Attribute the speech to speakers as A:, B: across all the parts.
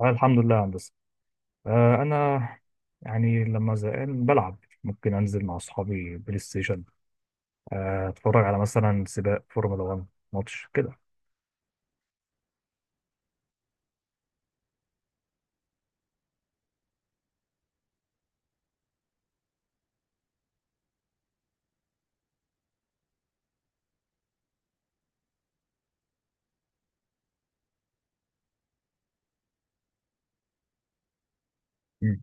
A: أنا الحمد لله يا هندسة. أنا يعني لما زهقان بلعب. ممكن أنزل مع أصحابي بلاي ستيشن. أتفرج على مثلا سباق فورمولا 1 ماتش كده. مم.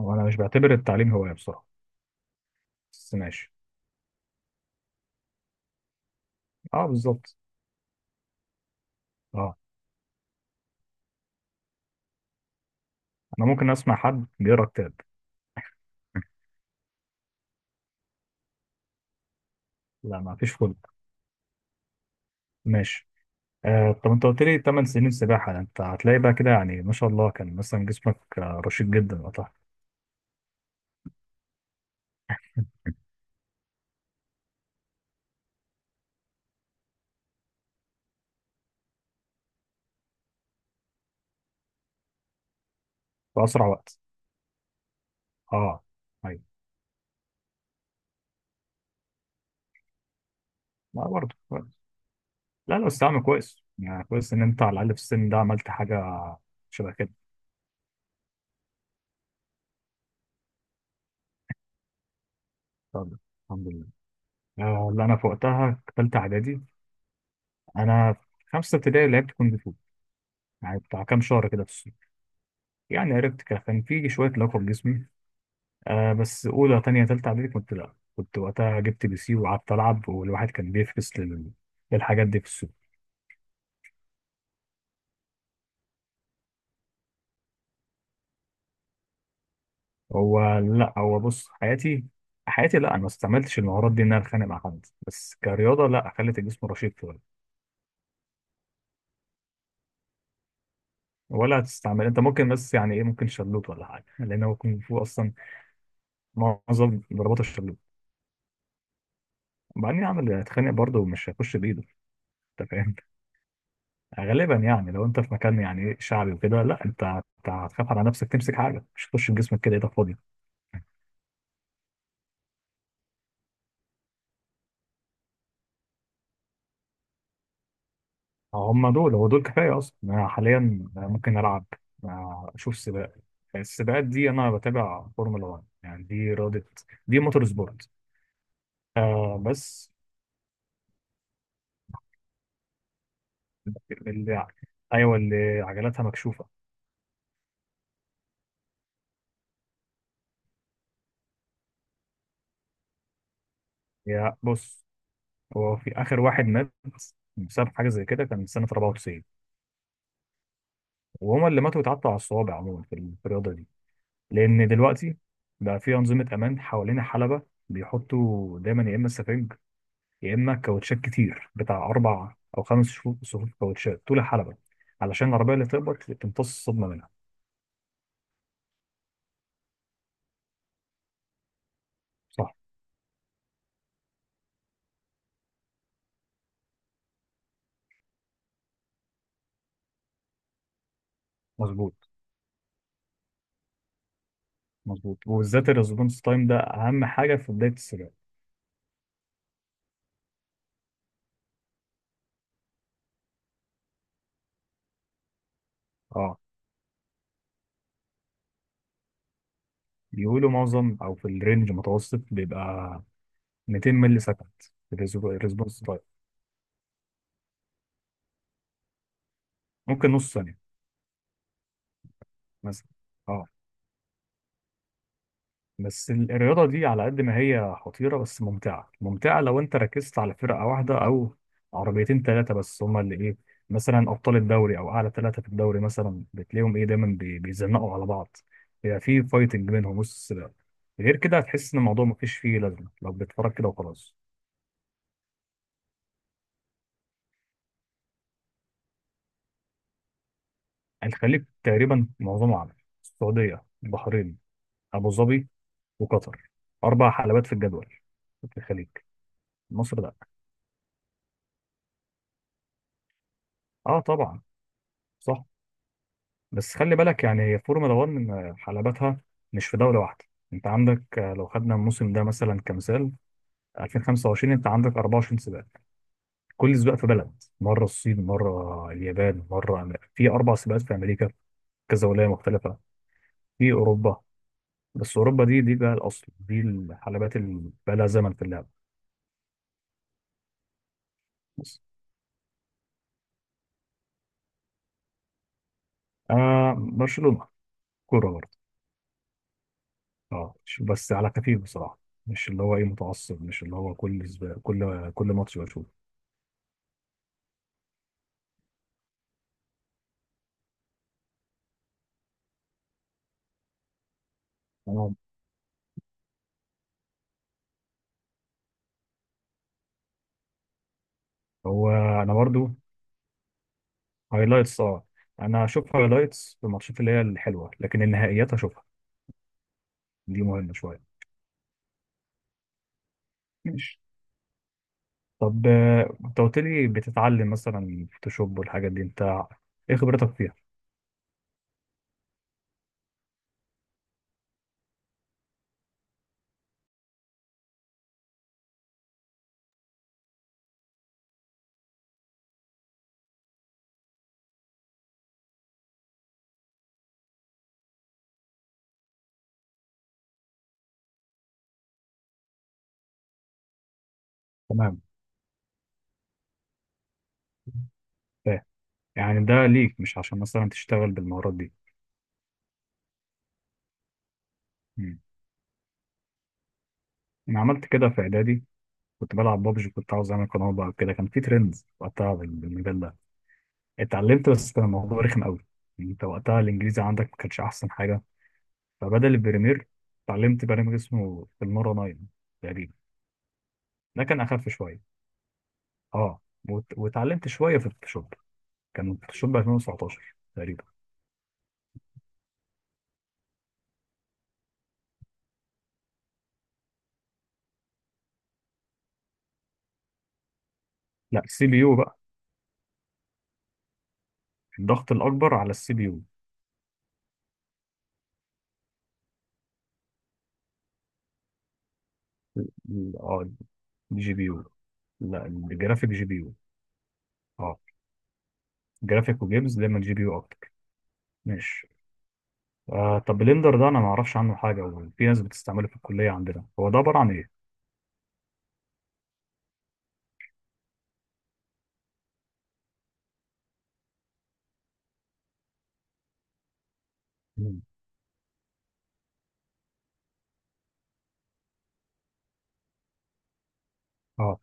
A: هو أنا مش بعتبر التعليم هواية بصراحة. بس ماشي. أه، بالظبط. أه، أنا ممكن أسمع حد بيقرا كتاب. لا، ما فيش خلق. ماشي. طب أنت قلت لي 8 سنين سباحة، ده أنت هتلاقي بقى كده يعني ما شاء الله كان مثلا جسمك رشيق جدا وقتها. في أسرع وقت. أه، أيوه. ما برضه. لا، لا، بس تعمل كويس يعني كويس ان انت على الاقل في السن ده عملت حاجه شبه كده. طب الحمد لله. اللي انا في وقتها في ثالثه اعدادي، انا في خمسه ابتدائي لعبت كونج فو. يعني بتاع كام شهر كده في الصيف. يعني عرفت كده، كان في شويه لياقه في جسمي. آه بس اولى ثانيه ثالثه اعدادي كنت لا كنت وقتها جبت بي سي وقعدت العب، والواحد كان بيفكس للحاجات دي في الصيف. هو لا هو بص، حياتي حياتي لا انا ما استعملتش المهارات دي ان انا اتخانق مع حد، بس كرياضه لا خلت الجسم رشيق. ولا هتستعمل انت ممكن، بس يعني ايه ممكن شلوت ولا حاجه لان هو كونج فو اصلا. معظم ضربات الشلوت، وبعدين يعمل هيتخانق برضه مش هيخش بايده. انت فاهم. غالبا يعني لو انت في مكان يعني ايه شعبي وكده، لا انت هتخاف على نفسك تمسك حاجه، مش هتخش بجسمك كده ايدك فاضيه. هم دول، هو دول كفايه اصلا. انا حاليا ممكن العب. اشوف سباق. السباقات دي انا بتابع فورمولا 1، يعني دي رياضه، دي موتور سبورت. آه، بس اللي ايوه اللي عجلاتها مكشوفه. هي بص، هو في آخر واحد مات بسبب حاجة زي كده، كان سنة 94. وهما اللي ماتوا اتعطوا على الصوابع عموما في في الرياضة دي. لأن دلوقتي بقى في أنظمة أمان حوالين حلبة. بيحطوا دايما يا إما سفنج، يا إما كاوتشات كتير بتاع أربع أو خمس صفوف كاوتشات طول الحلبة علشان العربية اللي تخبط تمتص الصدمة منها. صح. مظبوط، مظبوط، وبالذات الريسبونس تايم ده أهم حاجة في بداية السباق. اه، بيقولوا معظم أو في الرينج المتوسط بيبقى 200 ملي سكند الريسبونس. ممكن نص ثانية مثلا. اه. بس الرياضة دي على قد ما هي خطيرة بس ممتعة ممتعة، لو انت ركزت على فرقة واحدة او عربيتين ثلاثة بس هما اللي ايه، مثلا ابطال الدوري او اعلى ثلاثة في الدوري مثلا بتلاقيهم ايه دايما بيزنقوا على بعض. يبقى في فايتنج بينهم وسط السباق. غير كده هتحس ان الموضوع مفيش فيه لازمة لو بتتفرج كده وخلاص. الخليج تقريبا معظمه عرب. السعودية، البحرين، ابو ظبي، وقطر. اربع حلبات في الجدول في الخليج. مصر لا. اه، طبعا. صح. بس خلي بالك يعني فورمولا 1 حلبتها مش في دوله واحده. انت عندك، لو خدنا الموسم ده مثلا كمثال، 2025 انت عندك 24 سباق. كل سباق في بلد، مره الصين، مره اليابان، مره في اربع سباقات في امريكا، كذا ولايه مختلفه. في اوروبا. بس اوروبا دي، دي بقى الاصل، دي الحلبات اللي بقى لها زمن في اللعبه. بس برشلونه. كوره برضه. اه، بس على خفيف بصراحه. مش اللي هو ايه متعصب، مش اللي هو كل سباق كل ماتش بشوفه. هو انا برضو هايلايتس اه. انا هشوف هايلايتس في الماتشات اللي هي الحلوه، لكن النهائيات هشوفها. دي مهمه شويه. ماشي. طب انت قلت لي بتتعلم مثلا فوتوشوب والحاجات دي، انت ايه خبرتك فيها. تمام، فاهم. يعني ده ليك، مش عشان مثلا تشتغل بالمهارات دي. مم. انا عملت كده في اعدادي. كنت بلعب بابجي، كنت عاوز اعمل قناه بقى كده، كان في ترند وقتها بالمجال ده. اتعلمت، بس كان الموضوع رخم قوي. انت وقتها الانجليزي عندك ما كانش احسن حاجه. فبدل البريمير اتعلمت برنامج اسمه فيلمارا 9 تقريبا. ده كان اخف شويه. اه، واتعلمت شويه في الفوتوشوب. كان الفوتوشوب 2019 تقريبا. لا، السي بي يو بقى. الضغط الاكبر على السي بي يو. اه، الجي بي يو. لا، الجرافيك جي بي يو. اه، جرافيك وجيمز دايما جي بي يو اكتر. ماشي. طب بلندر ده انا ما اعرفش عنه حاجه، وفي ناس بتستعمله في الكليه عندنا. هو ده عباره عن ايه؟ مم. اه،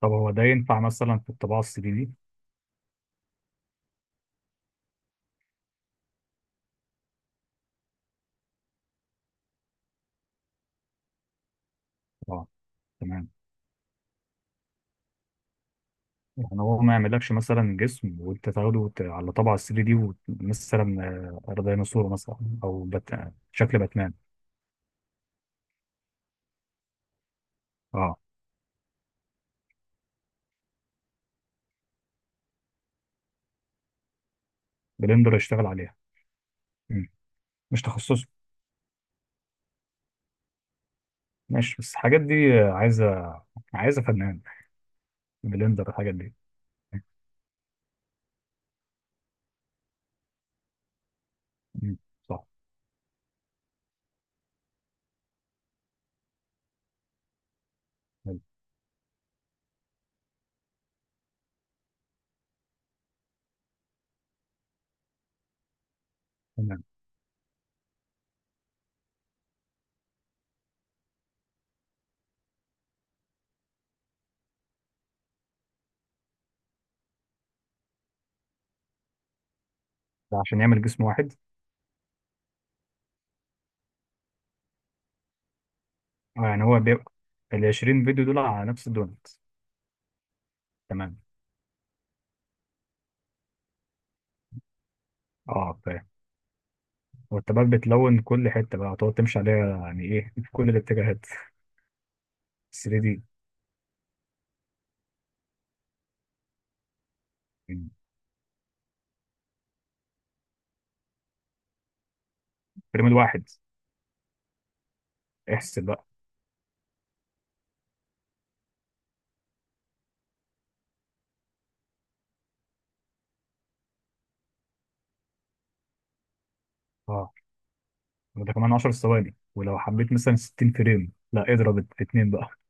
A: طب هو ده ينفع مثلا في الطباعه 3 دي؟ اه، تمام. يعني هو ما يعملكش مثلا جسم وانت تاخده على طبعه 3 دي مثلا ديناصور مثلا او شكل باتمان. اه، بلندر يشتغل عليها. مم. مش تخصصه. ماشي، بس الحاجات دي آه، عايزه عايزه فنان. بلندر الحاجات دي. مم. صح. حلو. تمام. ده عشان يعمل جسم واحد. اه يعني هو بيبقى ال 20 فيديو دول على نفس الدونت. تمام، اه، فاهم. وانت بقى بتلون كل حته بقى هتقعد تمشي عليها يعني ايه في كل الاتجاهات 3 دي. مم. الفريم الواحد. احسب. اه، ده كمان 10 ثواني، ولو حبيت مثلا 60 فريم لا اضرب في اتنين بقى.